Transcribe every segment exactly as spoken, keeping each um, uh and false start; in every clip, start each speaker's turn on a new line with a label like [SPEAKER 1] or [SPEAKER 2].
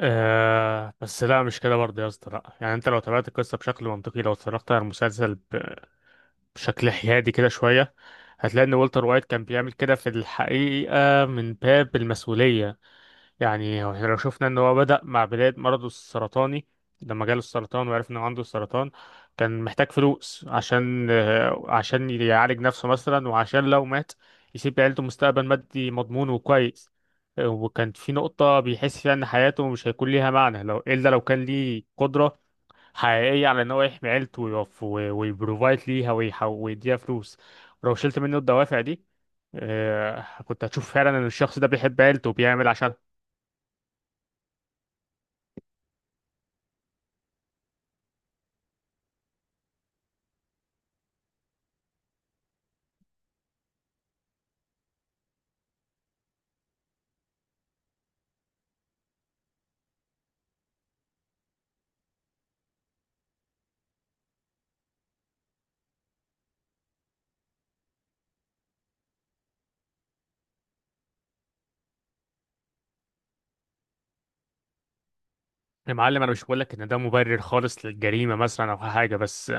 [SPEAKER 1] آه، بس لا، مش كده برضه يا اسطى. لا يعني انت لو تابعت القصه بشكل منطقي، لو اتفرجت على المسلسل ب- بشكل حيادي كده شويه، هتلاقي ان والتر وايت كان بيعمل كده في الحقيقه من باب المسؤوليه. يعني هو احنا لو شفنا ان هو بدأ مع بداية مرضه السرطاني، لما جاله السرطان وعرف انه عنده السرطان، كان محتاج فلوس عشان آه، عشان يعالج نفسه مثلا، وعشان لو مات يسيب لعيلته مستقبل مادي مضمون وكويس. آه، وكان في نقطة بيحس فيها ان حياته مش هيكون ليها معنى لو، الا لو كان ليه قدرة حقيقية على ان هو يحمي عيلته ويقف و- ويبروفايد ليها، ويح- ويديها فلوس. ولو شلت منه الدوافع دي، آه، كنت هتشوف فعلا ان الشخص ده بيحب عيلته وبيعمل عشانها. يا معلم، انا مش بقول لك ان ده مبرر خالص للجريمه مثلا او حاجه، بس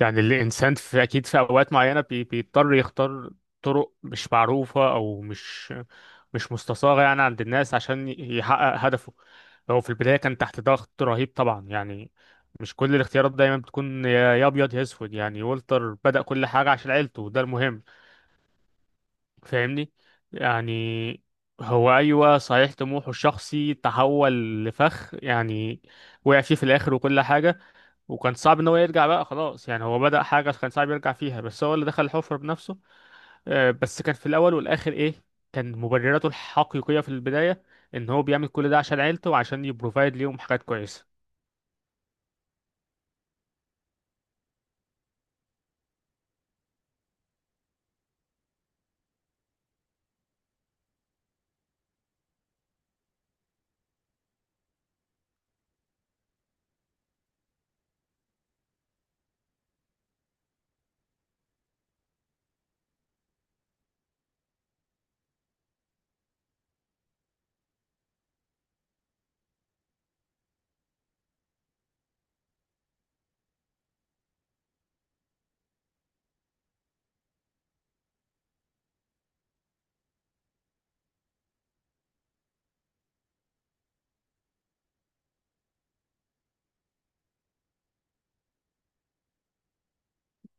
[SPEAKER 1] يعني الانسان في اكيد في اوقات معينه بي بيضطر يختار طرق مش معروفه، او مش مش مستصاغه يعني عند الناس، عشان يحقق هدفه. هو في البدايه كان تحت ضغط رهيب طبعا يعني. مش كل الاختيارات دايما بتكون يا يا ابيض يا اسود. يعني والتر بدأ كل حاجه عشان عيلته، وده المهم. فاهمني؟ يعني هو، ايوه، صحيح طموحه الشخصي تحول لفخ، يعني وقع فيه في الاخر وكل حاجه، وكان صعب ان هو يرجع بقى خلاص، يعني هو بدأ حاجه كان صعب يرجع فيها، بس هو اللي دخل الحفره بنفسه. آه، بس كان في الاول والاخر ايه؟ كان مبرراته الحقيقيه في البدايه ان هو بيعمل كل ده عشان عيلته، وعشان يبروفايد ليهم حاجات كويسه.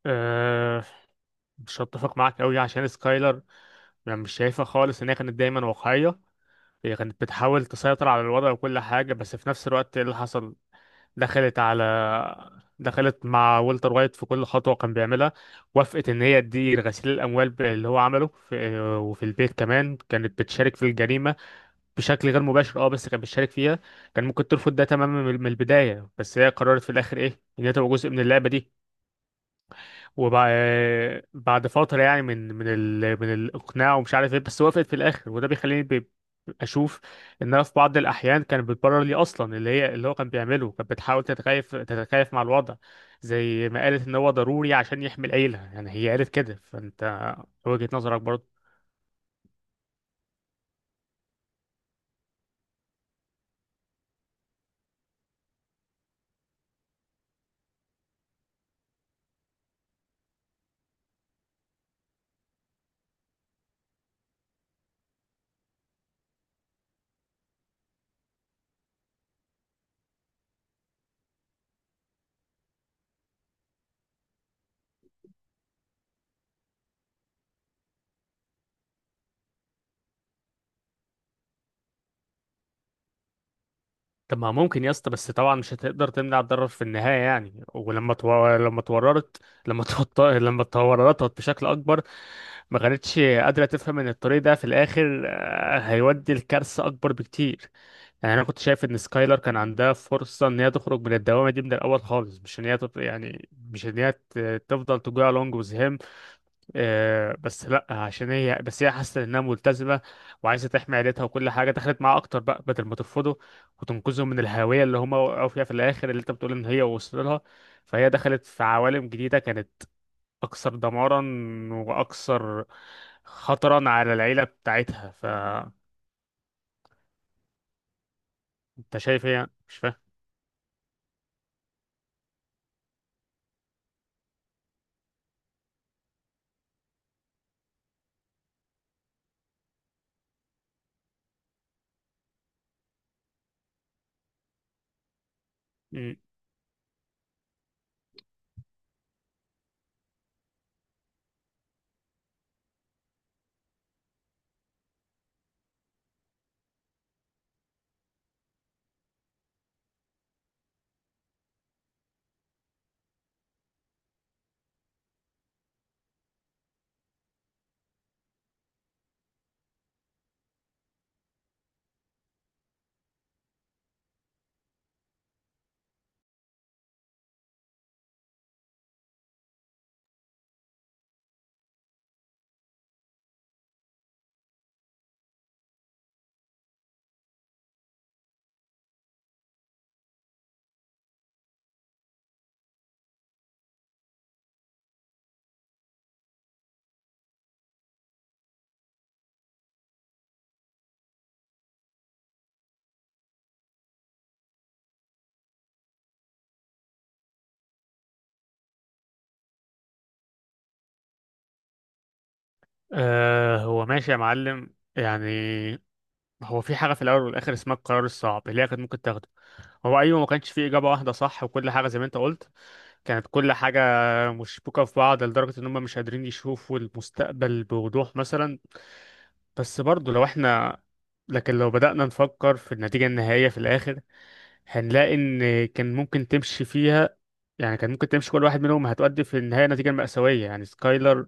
[SPEAKER 1] أه، مش هتفق معاك قوي عشان سكايلر. يعني مش شايفها خالص ان هي كانت دايما واقعيه. هي كانت بتحاول تسيطر على الوضع وكل حاجة، بس في نفس الوقت ايه اللي حصل؟ دخلت على دخلت مع والتر وايت في كل خطوة كان بيعملها. وافقت إن هي تدير غسيل الأموال ب- اللي هو عمله في... وفي البيت كمان، كانت بتشارك في الجريمة بشكل غير مباشر، اه، بس كانت بتشارك فيها. كان ممكن ترفض ده تماما من من البداية، بس هي قررت في الآخر إيه، إن هي تبقى جزء من اللعبة دي. وبعد فترة يعني من من ال... من الإقناع ومش عارف إيه، بس وافقت في الآخر. وده بيخليني ب... أشوف إن أنا في بعض الأحيان كانت بتبرر لي أصلا، اللي هي اللي هو كان بيعمله، كانت بتحاول تتكيف تتكيف مع الوضع. زي ما قالت إن هو ضروري عشان يحمي العيلة، يعني هي قالت كده، فأنت وجهة نظرك برضه. طب ما ممكن يا اسطى، بس طبعا مش هتقدر تمنع الضرر في النهاية يعني. ولما تو... لما اتورطت لما توط... لما اتورطت بشكل أكبر، ما كانتش قادرة تفهم إن الطريق ده في الآخر، آه، هيودي لكارثة أكبر بكتير. يعني أنا كنت شايف إن سكايلر كان عندها فرصة إن هي تخرج من الدوامة دي من الأول خالص، مش إن هي تط... يعني مش إن هي ت- تفضل تجوع لونج وذ هيم. آه، بس لا، عشان هي، بس هي حاسه انها ملتزمه وعايزه تحمي عيلتها وكل حاجه، دخلت معاه اكتر بقى بدل ما ترفضه وتنقذهم من الهاويه اللي هم وقعوا فيها في الاخر، اللي انت بتقول ان هي وصل لها. فهي دخلت في عوالم جديده كانت اكثر دمارا، واكثر خطرا على العيله بتاعتها. فانت شايف هي، مش فاهم. مم. آه، هو ماشي يا معلم يعني. هو في حاجه في الاول والاخر اسمها القرار الصعب اللي هي كانت ممكن تاخده. هو ايوه، ما كانش فيه اجابه واحده صح وكل حاجه، زي ما انت قلت، كانت كل حاجه مشبوكه في بعض لدرجه ان هم مش قادرين يشوفوا المستقبل بوضوح مثلا. بس برضه لو احنا لكن لو بدأنا نفكر في النتيجه النهائيه في الاخر، هنلاقي ان كان ممكن تمشي فيها. يعني كان ممكن تمشي كل واحد منهم هتؤدي في النهايه نتيجه مأساويه. يعني سكايلر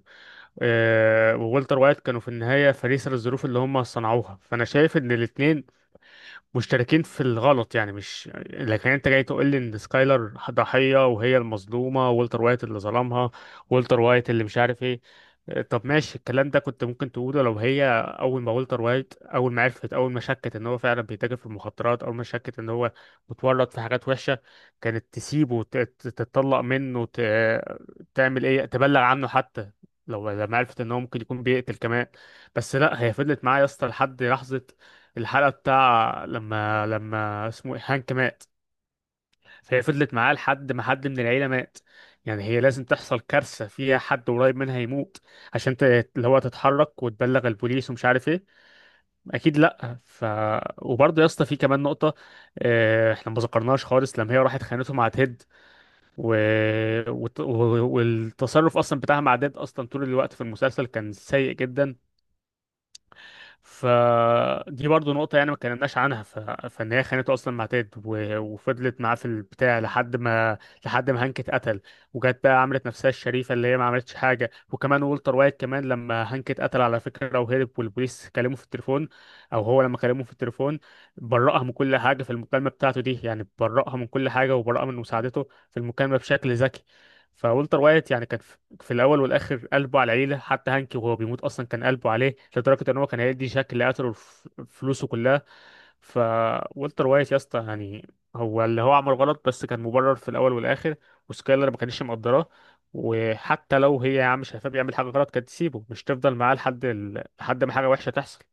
[SPEAKER 1] آه، وولتر وايت كانوا في النهايه فريسه للظروف اللي هم صنعوها. فانا شايف ان الاثنين مشتركين في الغلط. يعني مش، لكن انت جاي تقول لي ان سكايلر ضحية وهي المظلومة، والتر وايت اللي ظلمها، والتر وايت اللي مش عارف ايه. اه، طب ماشي. الكلام ده كنت ممكن تقوله لو هي اول ما والتر وايت اول ما عرفت اول ما شكت ان هو فعلا بيتاجر في المخدرات، اول ما شكت ان هو متورط في حاجات وحشة، كانت تسيبه وت- ت- تتطلق منه، ت- تعمل ايه، تبلغ عنه حتى، لو لما عرفت ان هو ممكن يكون بيقتل كمان. بس لا، هي فضلت معاه يا اسطى لحد لحظة الحلقة بتاع لما لما اسمه إيه؟ هانك مات. فهي فضلت معاه لحد ما حد من العيلة مات. يعني هي لازم تحصل كارثة فيها حد قريب منها يموت، عشان ت- اللي هو تتحرك وتبلغ البوليس ومش عارف ايه، اكيد لا. ف وبرضه يا اسطى في كمان نقطة آه، احنا ما ذكرناهاش خالص، لما هي راحت خانته مع تيد و... وت- و... والتصرف اصلا بتاعها مع تيد، اصلا طول الوقت في المسلسل كان سيء جدا. فدي برضو نقطة يعني ما اتكلمناش عنها ف... فإن هي خانته أصلا مع تيد و... وفضلت معاه في البتاع لحد ما لحد ما هانك اتقتل. وجت بقى عملت نفسها الشريفة اللي هي ما عملتش حاجة. وكمان والتر وايت كمان لما هانك اتقتل، على فكرة، وهرب والبوليس كلمه في التليفون، أو هو لما كلمه في التليفون، برأها من كل حاجة في المكالمة بتاعته دي. يعني برأها من كل حاجة، وبرأها من مساعدته في المكالمة بشكل ذكي. فولتر وايت يعني كان في في الاول والاخر قلبه على العيله، حتى هانكي وهو بيموت اصلا كان قلبه عليه لدرجه ان هو كان هيدي جاك اللي قتله ف- فلوسه كلها. فولتر وايت يا اسطى، يعني هو اللي هو عمل غلط بس كان مبرر في الاول والاخر. وسكايلر ما كانتش مقدراه. وحتى لو هي يا عم شايفاه بيعمل حاجه غلط، كانت تسيبه، مش تفضل معاه لحد ال... لحد ما حاجه وحشه تحصل.